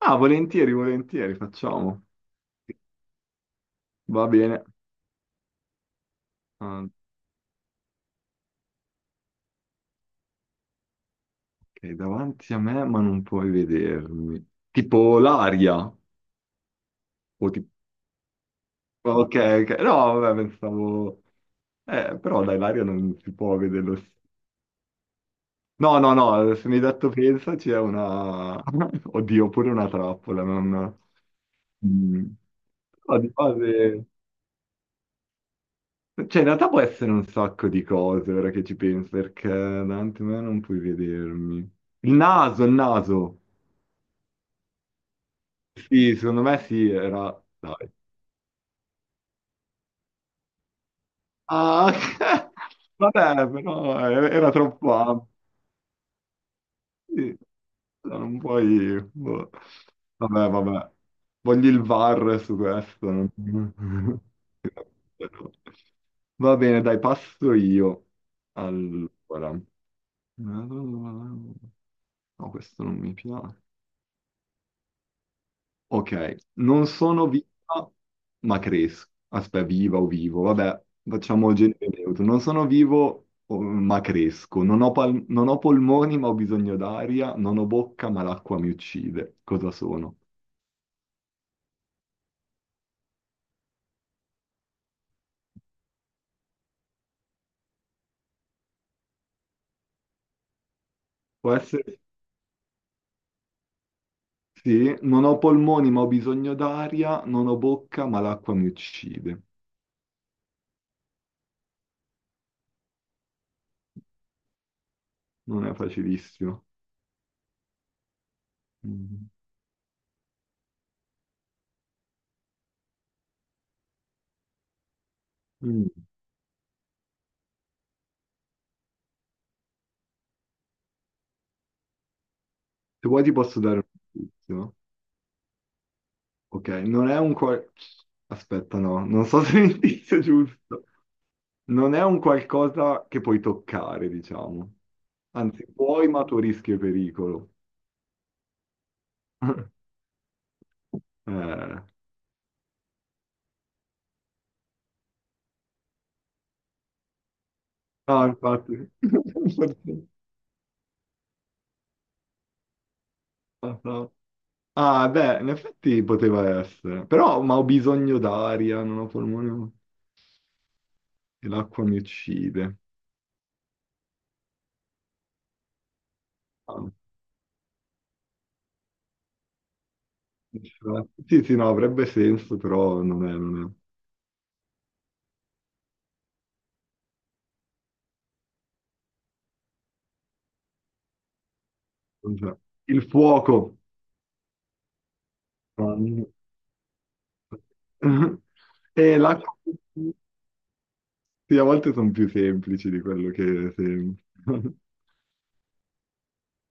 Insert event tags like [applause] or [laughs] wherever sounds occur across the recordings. Ah, volentieri, volentieri, facciamo. Va bene. Ah, ok, davanti a me, ma non puoi vedermi. Tipo l'aria. O tipo... Ok, ok. No, vabbè, pensavo... però dai, l'aria non si può vederlo. No, no, no, se mi hai detto pensaci è una... [laughs] Oddio, pure una trappola, non... Mm. No, di base... Cioè, in realtà può essere un sacco di cose, ora che ci penso, perché davanti a me non puoi vedermi. Il naso, il naso. Sì, secondo me sì, era... Dai. Ah, [laughs] ok. Vabbè, però era troppo ampio. Sì. No, non puoi... boh. Vabbè, vabbè. Voglio il VAR su questo. [laughs] Va bene, dai, passo io. Allora. No, questo non mi piace. Ok, non sono viva, ma cresco. Aspetta, viva o vivo, vabbè, facciamo genere neutro. Non sono vivo, ma cresco. Non ho polmoni, ma ho bisogno d'aria. Non ho bocca, ma l'acqua mi uccide. Cosa sono? Può essere... Sì, non ho polmoni, ma ho bisogno d'aria. Non ho bocca, ma l'acqua mi uccide. Non è facilissimo. Mm. Mm. Se vuoi ti posso dare un indizio. Ok, non è un... Aspetta, no, non so se è l'indizio giusto. Non è un qualcosa che puoi toccare, diciamo. Anzi, puoi, ma a tuo rischio e pericolo. [laughs] Eh, no, infatti. [laughs] Ah, beh, in effetti poteva essere. Però, ma ho bisogno d'aria, non ho polmone e l'acqua mi uccide. [laughs] Ah, sì, sì, no, avrebbe senso, però non è. Non c'è. Il fuoco. Ah, [laughs] e l'acqua. Sì, a volte sono più semplici di quello che sembra. [laughs]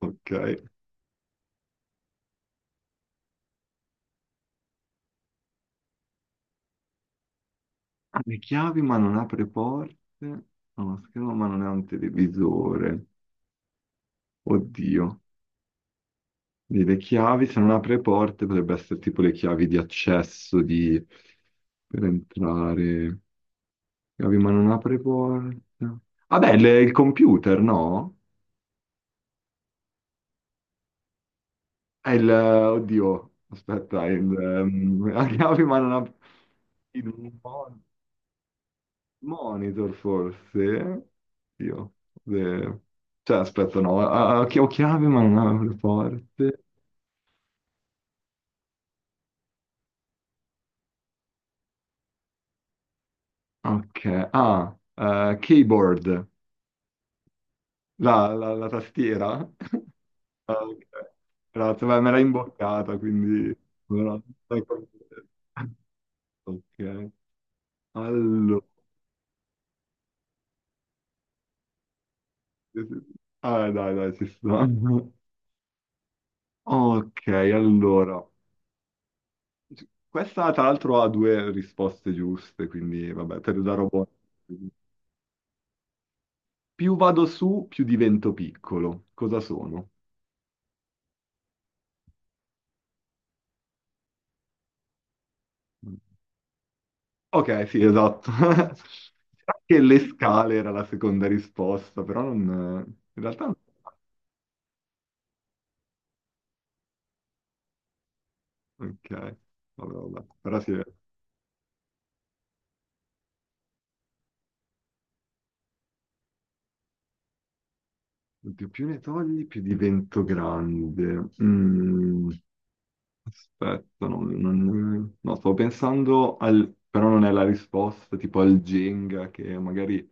Ok, ha le chiavi ma non apre porte, ha uno schermo ma non è un televisore. Oddio, quindi le chiavi se non apre porte potrebbe essere tipo le chiavi di accesso di... per entrare. Chiavi ma non apre porte. Vabbè, il computer, no? È il... Oddio, aspetta, è il... [laughs] ha chiavi ma non apre... Il... Monitor forse? Io. Eh, cioè, aspetta, no, ah, ah, ho chiavi ma non ho le porte. Ok, ah, keyboard, la tastiera. [laughs] Ah, ok. Grazie, beh, me l'hai imboccata, quindi... Però- [laughs] Ok, allora... Ah, dai, dai, ci sta. [laughs] Ok, allora... Questa tra l'altro ha due risposte giuste, quindi vabbè, per da robot. Più vado su, più divento piccolo. Cosa sono? Ok, sì, esatto. [laughs] Anche le scale era la seconda risposta, però non... In realtà... non- Ok, vabbè, vabbè. Però sì, più ne togli, più divento grande. Mm. Aspetta, no, stavo pensando al... però non è la risposta, tipo al Jenga che magari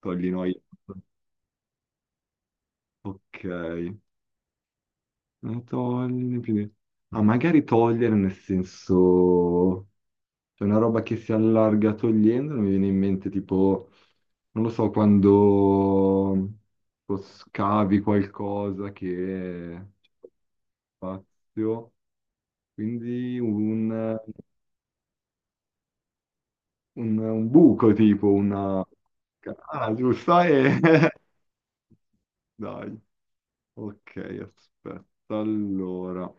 togli noi. Ok, eh, togli più di- ah, magari togliere nel senso... C'è una roba che si allarga togliendo, non mi viene in mente tipo, non lo so, quando tipo, scavi qualcosa che c'è spazio, quindi un un buco tipo, una... Ah, giusto, e... [laughs] Dai, ok, aspetta, allora...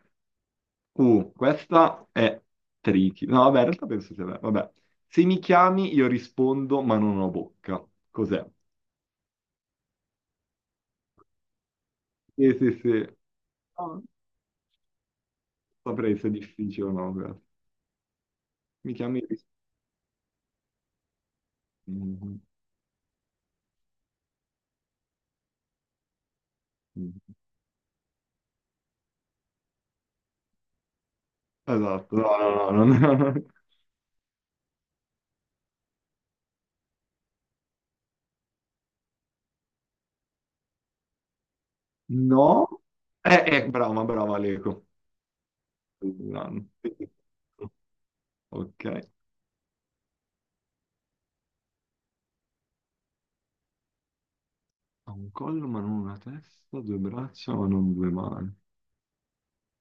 Questa è tricky. No, vabbè, in realtà penso sia bella. Vabbè, se mi chiami io rispondo, ma non ho bocca. Cos'è? Sì, sì, sì. No, saprei se è difficile o no. Questa. Mi chiami e rispondo. Esatto, no, no, no, no. [laughs] No, no. Eh, brava, brava Leco. Ok. Ha un collo ma non una testa, due braccia ma non due mani.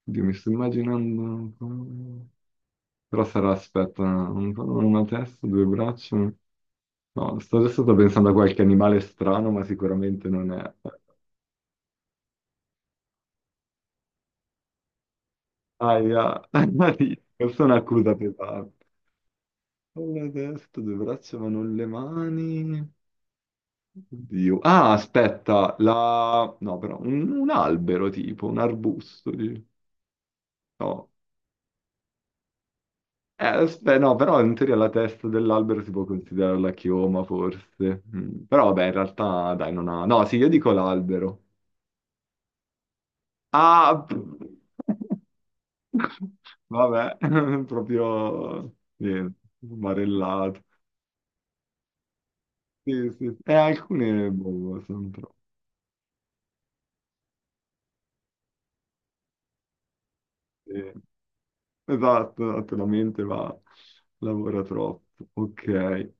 Oddio, mi sto immaginando... un collo. Però sarà, aspetta, un collo, una testa, due braccia... No, sto adesso sto pensando a qualche animale strano, ma sicuramente non è... Aia, [laughs] questa è un'accusa pesante. Una testa, due braccia ma non le mani... Oddio. Ah, aspetta, la... No, però un albero tipo, un arbusto. Dici. No, eh, beh, no, però in teoria la testa dell'albero si può considerare la chioma, forse. Mm, però vabbè, in realtà, dai, non ha... No, sì, io dico l'albero. Ah! [laughs] Vabbè, [laughs] proprio... Niente, barellato. Sì, sì, sì. E alcune, boh, sono troppo. Sì. Esatto, esatto, la mente va... lavora troppo. Ok.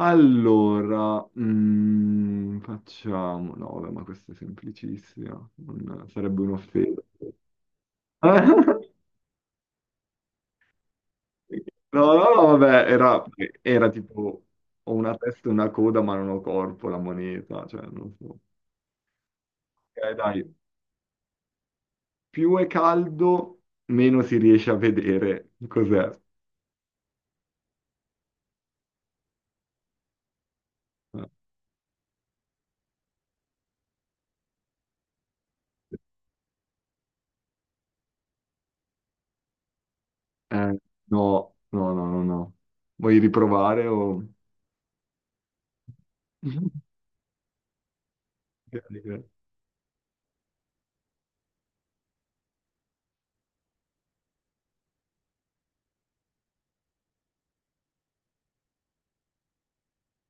Allora, mm, facciamo... No, vabbè, ma questa è semplicissima, non- sarebbe un'offesa. [laughs] No, no, no, vabbè, era, era tipo ho una testa e una coda, ma non ho corpo, la moneta, cioè non so. Ok, dai, più è caldo, meno si riesce a vedere cos'è. Eh, no, no, no, no, no. Vuoi riprovare o... [laughs] Ok, ok.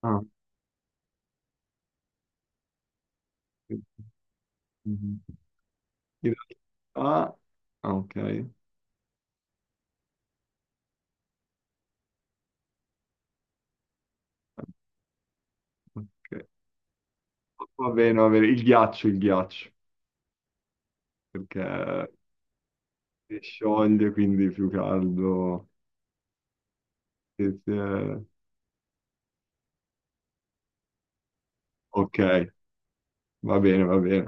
Ah. In realtà... Ah, ok. Ok. Va bene, va bene. Il ghiaccio, perché si scioglie, quindi più caldo. E se- Ok, va bene, va bene.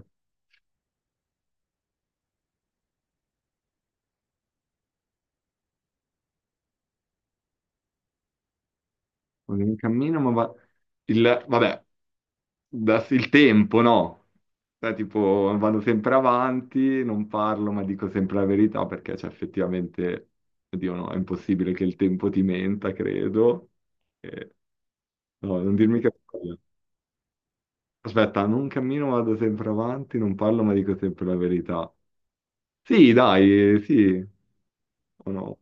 Un cammino, ma va... Il... Vabbè, il tempo, no? Cioè, tipo, vado sempre avanti, non parlo, ma dico sempre la verità, perché c'è effettivamente... Oddio, no, è impossibile che il tempo ti menta, credo. E- No, non dirmi che... Aspetta, non cammino, vado sempre avanti, non parlo, ma dico sempre la verità. Sì, dai, sì, o no?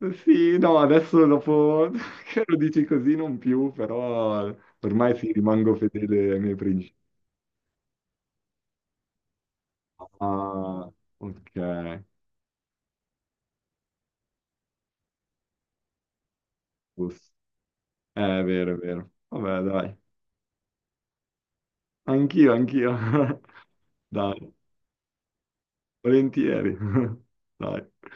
Sì, no, adesso dopo [laughs] che lo dici così non più, però ormai sì, rimango fedele ai miei principi. Ah, ok, giusto. È vero, è vero. Vabbè, dai. Anch'io, anch'io. [laughs] Dai, volentieri. [laughs] Dai.